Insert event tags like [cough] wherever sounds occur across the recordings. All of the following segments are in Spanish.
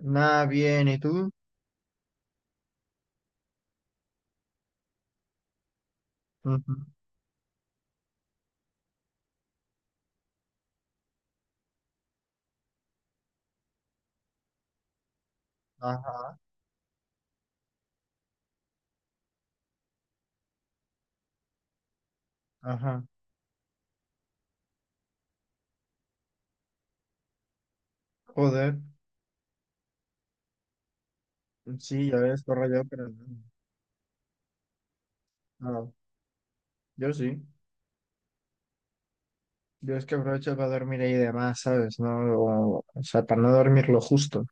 Nada bien, ¿y tú? Ujú. Ajá, ajá. Joder, sí, ya ves, corro yo, pero no. No, yo sí. Yo es que aprovecho para dormir ahí de más, ¿sabes? No, o sea, para no dormir lo justo.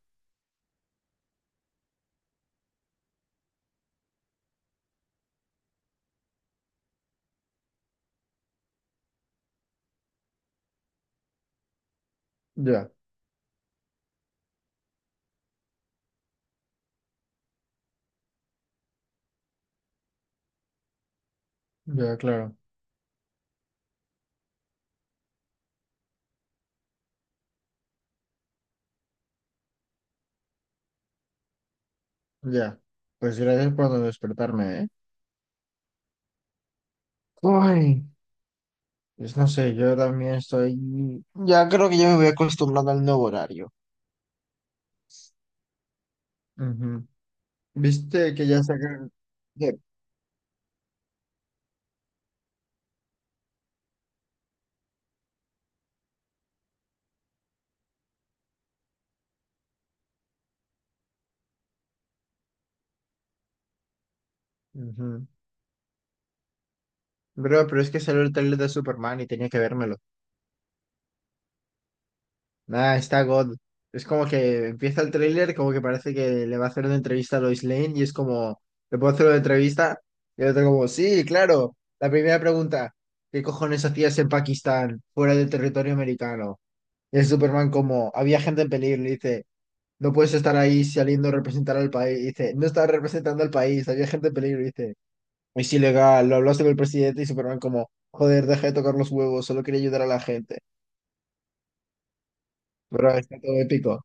Ya, ya, claro, ya. Pues gracias por despertarme, ¿eh? Uy, pues no sé, yo también estoy... Ya creo que ya me voy acostumbrando al nuevo horario. Ujú. ¿Viste que ya sacaron...? ¿Qué? Ujú. Bro, pero es que salió el trailer de Superman y tenía que vérmelo. Nah, está God. Es como que empieza el tráiler, como que parece que le va a hacer una entrevista a Lois Lane y es como, ¿le puedo hacer una entrevista? Y el otro como, sí, claro. La primera pregunta, ¿qué cojones hacías en Pakistán, fuera del territorio americano? Y el Superman como, había gente en peligro, le dice, no puedes estar ahí saliendo a representar al país. Y dice, no estaba representando al país, había gente en peligro. Y dice, es ilegal, lo hablaste con el presidente y Superman como, joder, deja de tocar los huevos, solo quería ayudar a la gente. Pero está todo épico.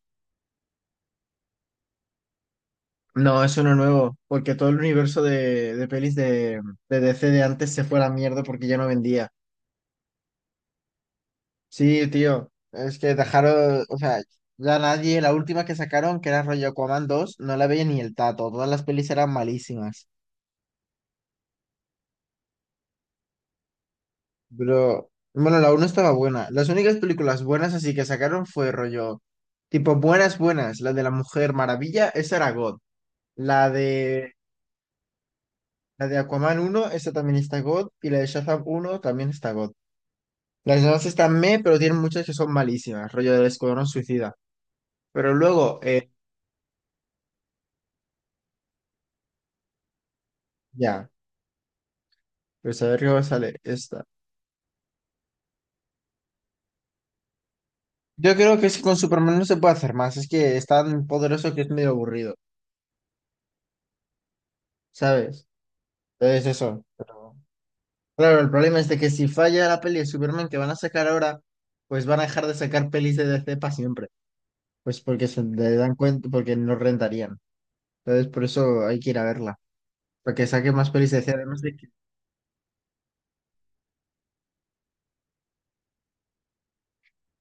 No, es uno nuevo, porque todo el universo de, pelis de DC de antes se fue a la mierda porque ya no vendía. Sí, tío, es que dejaron, o sea, ya nadie, la última que sacaron, que era rollo Aquaman dos, no la veía ni el tato, todas las pelis eran malísimas. Pero, bueno, la uno estaba buena. Las únicas películas buenas así que sacaron fue rollo, tipo, buenas, buenas, la de la Mujer Maravilla, esa era God. La de, la de Aquaman uno esa también está God, y la de Shazam uno también está God. Las demás están meh, pero tienen muchas que son malísimas, rollo del Escuadrón Suicida. Pero luego, ya, pues a ver qué sale esta. Yo creo que es que con Superman no se puede hacer más, es que es tan poderoso que es medio aburrido, ¿sabes? Entonces eso. Claro, el problema es de que si falla la peli de Superman que van a sacar ahora, pues van a dejar de sacar pelis de DC para siempre. Pues porque se le dan cuenta, porque no rentarían. Entonces por eso hay que ir a verla, para que saque más pelis de DC, además de.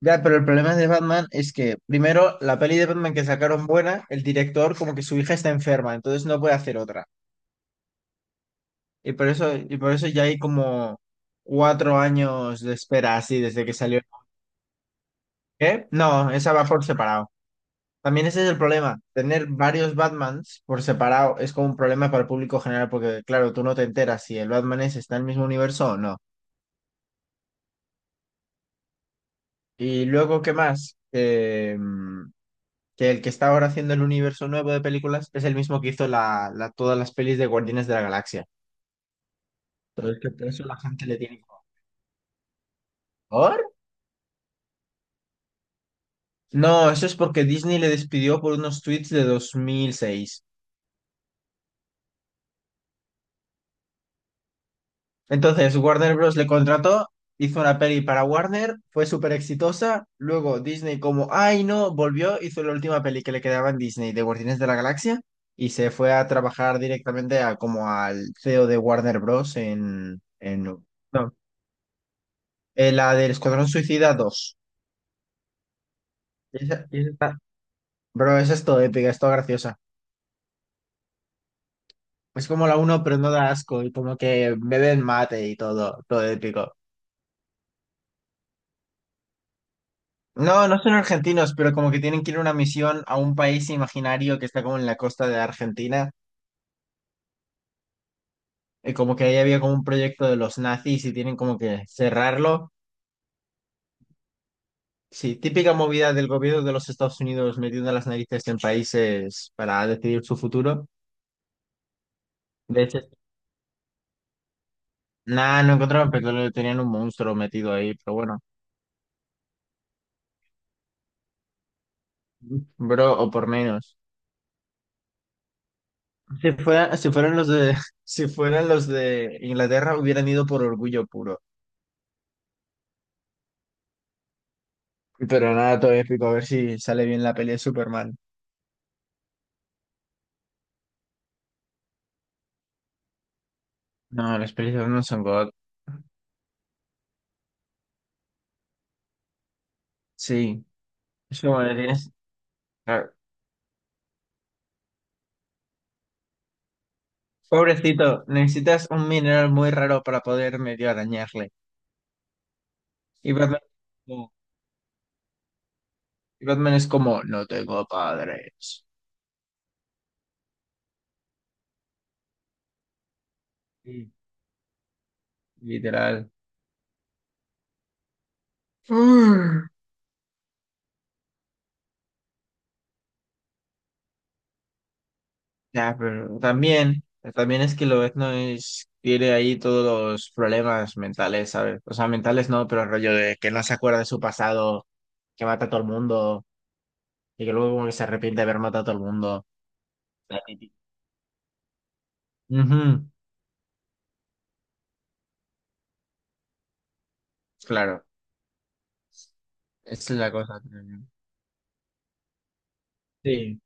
Ya, pero el problema de Batman es que, primero, la peli de Batman que sacaron buena, el director como que su hija está enferma, entonces no puede hacer otra. Y por eso ya hay como 4 años de espera así desde que salió. ¿Qué? No, esa va por separado. También ese es el problema. Tener varios Batmans por separado es como un problema para el público general, porque claro, tú no te enteras si el Batman es está en el mismo universo o no. Y luego, ¿qué más? Que el que está ahora haciendo el universo nuevo de películas es el mismo que hizo la, todas las pelis de Guardianes de la Galaxia. Entonces, que por eso la gente le tiene. ¿Por? No, eso es porque Disney le despidió por unos tweets de 2006. Entonces, Warner Bros. Le contrató, hizo una peli para Warner, fue súper exitosa. Luego Disney como, ay no, volvió, hizo la última peli que le quedaba en Disney de Guardianes de la Galaxia y se fue a trabajar directamente a, como al CEO de Warner Bros. en... no, la del Escuadrón Suicida dos. Esa- esa está- Bro, esa es todo épica, es todo graciosa. Es como la uno pero no da asco y como que beben mate y todo, todo épico. No, no son argentinos, pero como que tienen que ir a una misión a un país imaginario que está como en la costa de Argentina. Y como que ahí había como un proyecto de los nazis y tienen como que cerrarlo. Sí, típica movida del gobierno de los Estados Unidos metiendo las narices en países para decidir su futuro. De hecho, nada, no encontraron, pero tenían un monstruo metido ahí, pero bueno. Bro, o por menos. Si fueran los de, [laughs] si fueran los de Inglaterra, hubieran ido por orgullo puro. Pero nada, todo épico, a ver si sale bien la peli de Superman. No, las pelis de Batman son God. Sí. Es como que tienes. Claro. Pobrecito, necesitas un mineral muy raro para poder medio arañarle. Y Batman, no. Y Batman es como, no tengo padres. Sí, literal. Ya, pero también es que lo etno es tiene ahí todos los problemas mentales, ¿sabes? O sea, mentales no, pero el rollo de que no se acuerda de su pasado, que mata a todo el mundo, y que luego como que se arrepiente de haber matado a todo el mundo. La típica. Ujú. Claro, esa es la cosa, creo. Sí,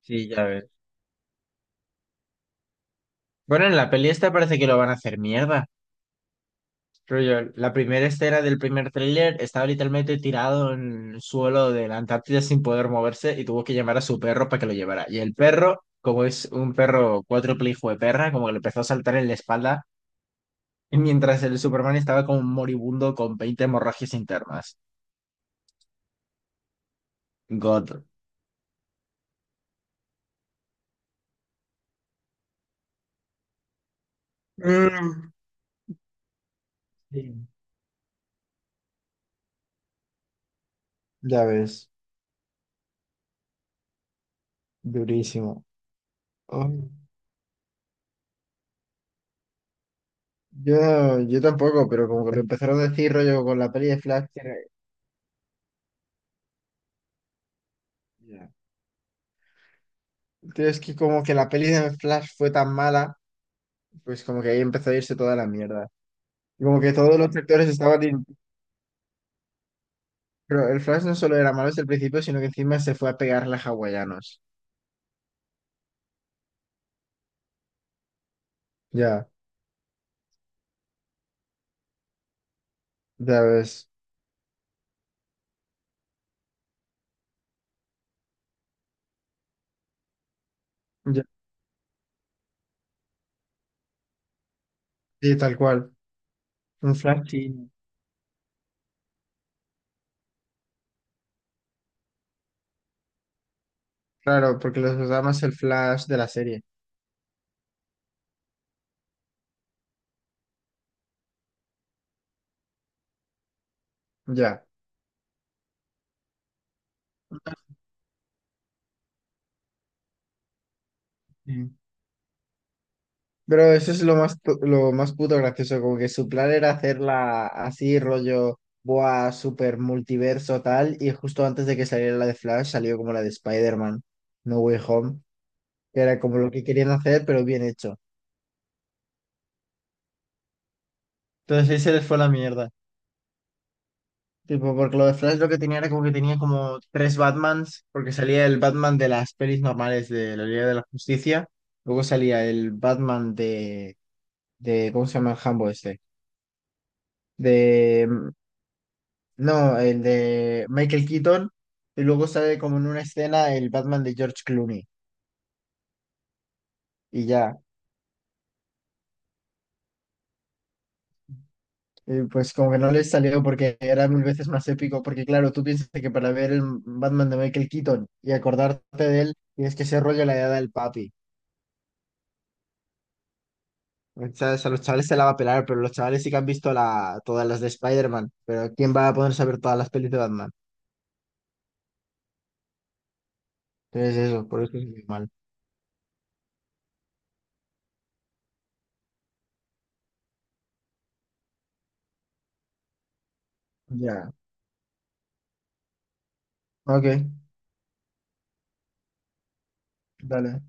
sí, ya ves. Bueno, en la peli esta parece que lo van a hacer mierda. Rollo, la primera escena del primer tráiler estaba literalmente tirado en el suelo de la Antártida sin poder moverse y tuvo que llamar a su perro para que lo llevara. Y el perro, como es un perro cuádruple hijo de perra, como que le empezó a saltar en la espalda [laughs] y mientras el Superman estaba como moribundo con 20 hemorragias internas. God. Mm. Sí, ya ves, durísimo. Ay, yo tampoco, pero como que lo empezaron a decir rollo con la peli de Flash. Que ya. Tío, es que como que la peli de Flash fue tan mala. Pues como que ahí empezó a irse toda la mierda. Y como que todos los sectores estaban... Pero el Flash no solo era malo desde el principio, sino que encima se fue a pegarle a hawaianos. Ya, ya ves. Ya, sí, tal cual. Un Flash chino. Claro, porque los usamos el Flash de la serie. Ya. Sí. Pero eso es lo más, lo más puto gracioso, como que su plan era hacerla así, rollo, boa, super multiverso, tal, y justo antes de que saliera la de Flash, salió como la de Spider-Man, No Way Home, que era como lo que querían hacer, pero bien hecho. Entonces ahí se les fue la mierda. Tipo, porque lo de Flash lo que tenía era como que tenía como tres Batmans, porque salía el Batman de las pelis normales de la Liga de la Justicia, luego salía el Batman de ¿cómo se llama el Hambo este? De, no, el de Michael Keaton, y luego sale como en una escena el Batman de George Clooney, y ya. Y pues como que no les salió porque era mil veces más épico, porque claro, tú piensas que para ver el Batman de Michael Keaton y acordarte de él, tienes que ser rollo la edad del papi. O sea, a los chavales se la va a pelar, pero los chavales sí que han visto todas las de Spider-Man, pero ¿quién va a ponerse a ver todas las pelis de Batman? Entonces eso, por eso es muy mal. Ya, ok, dale.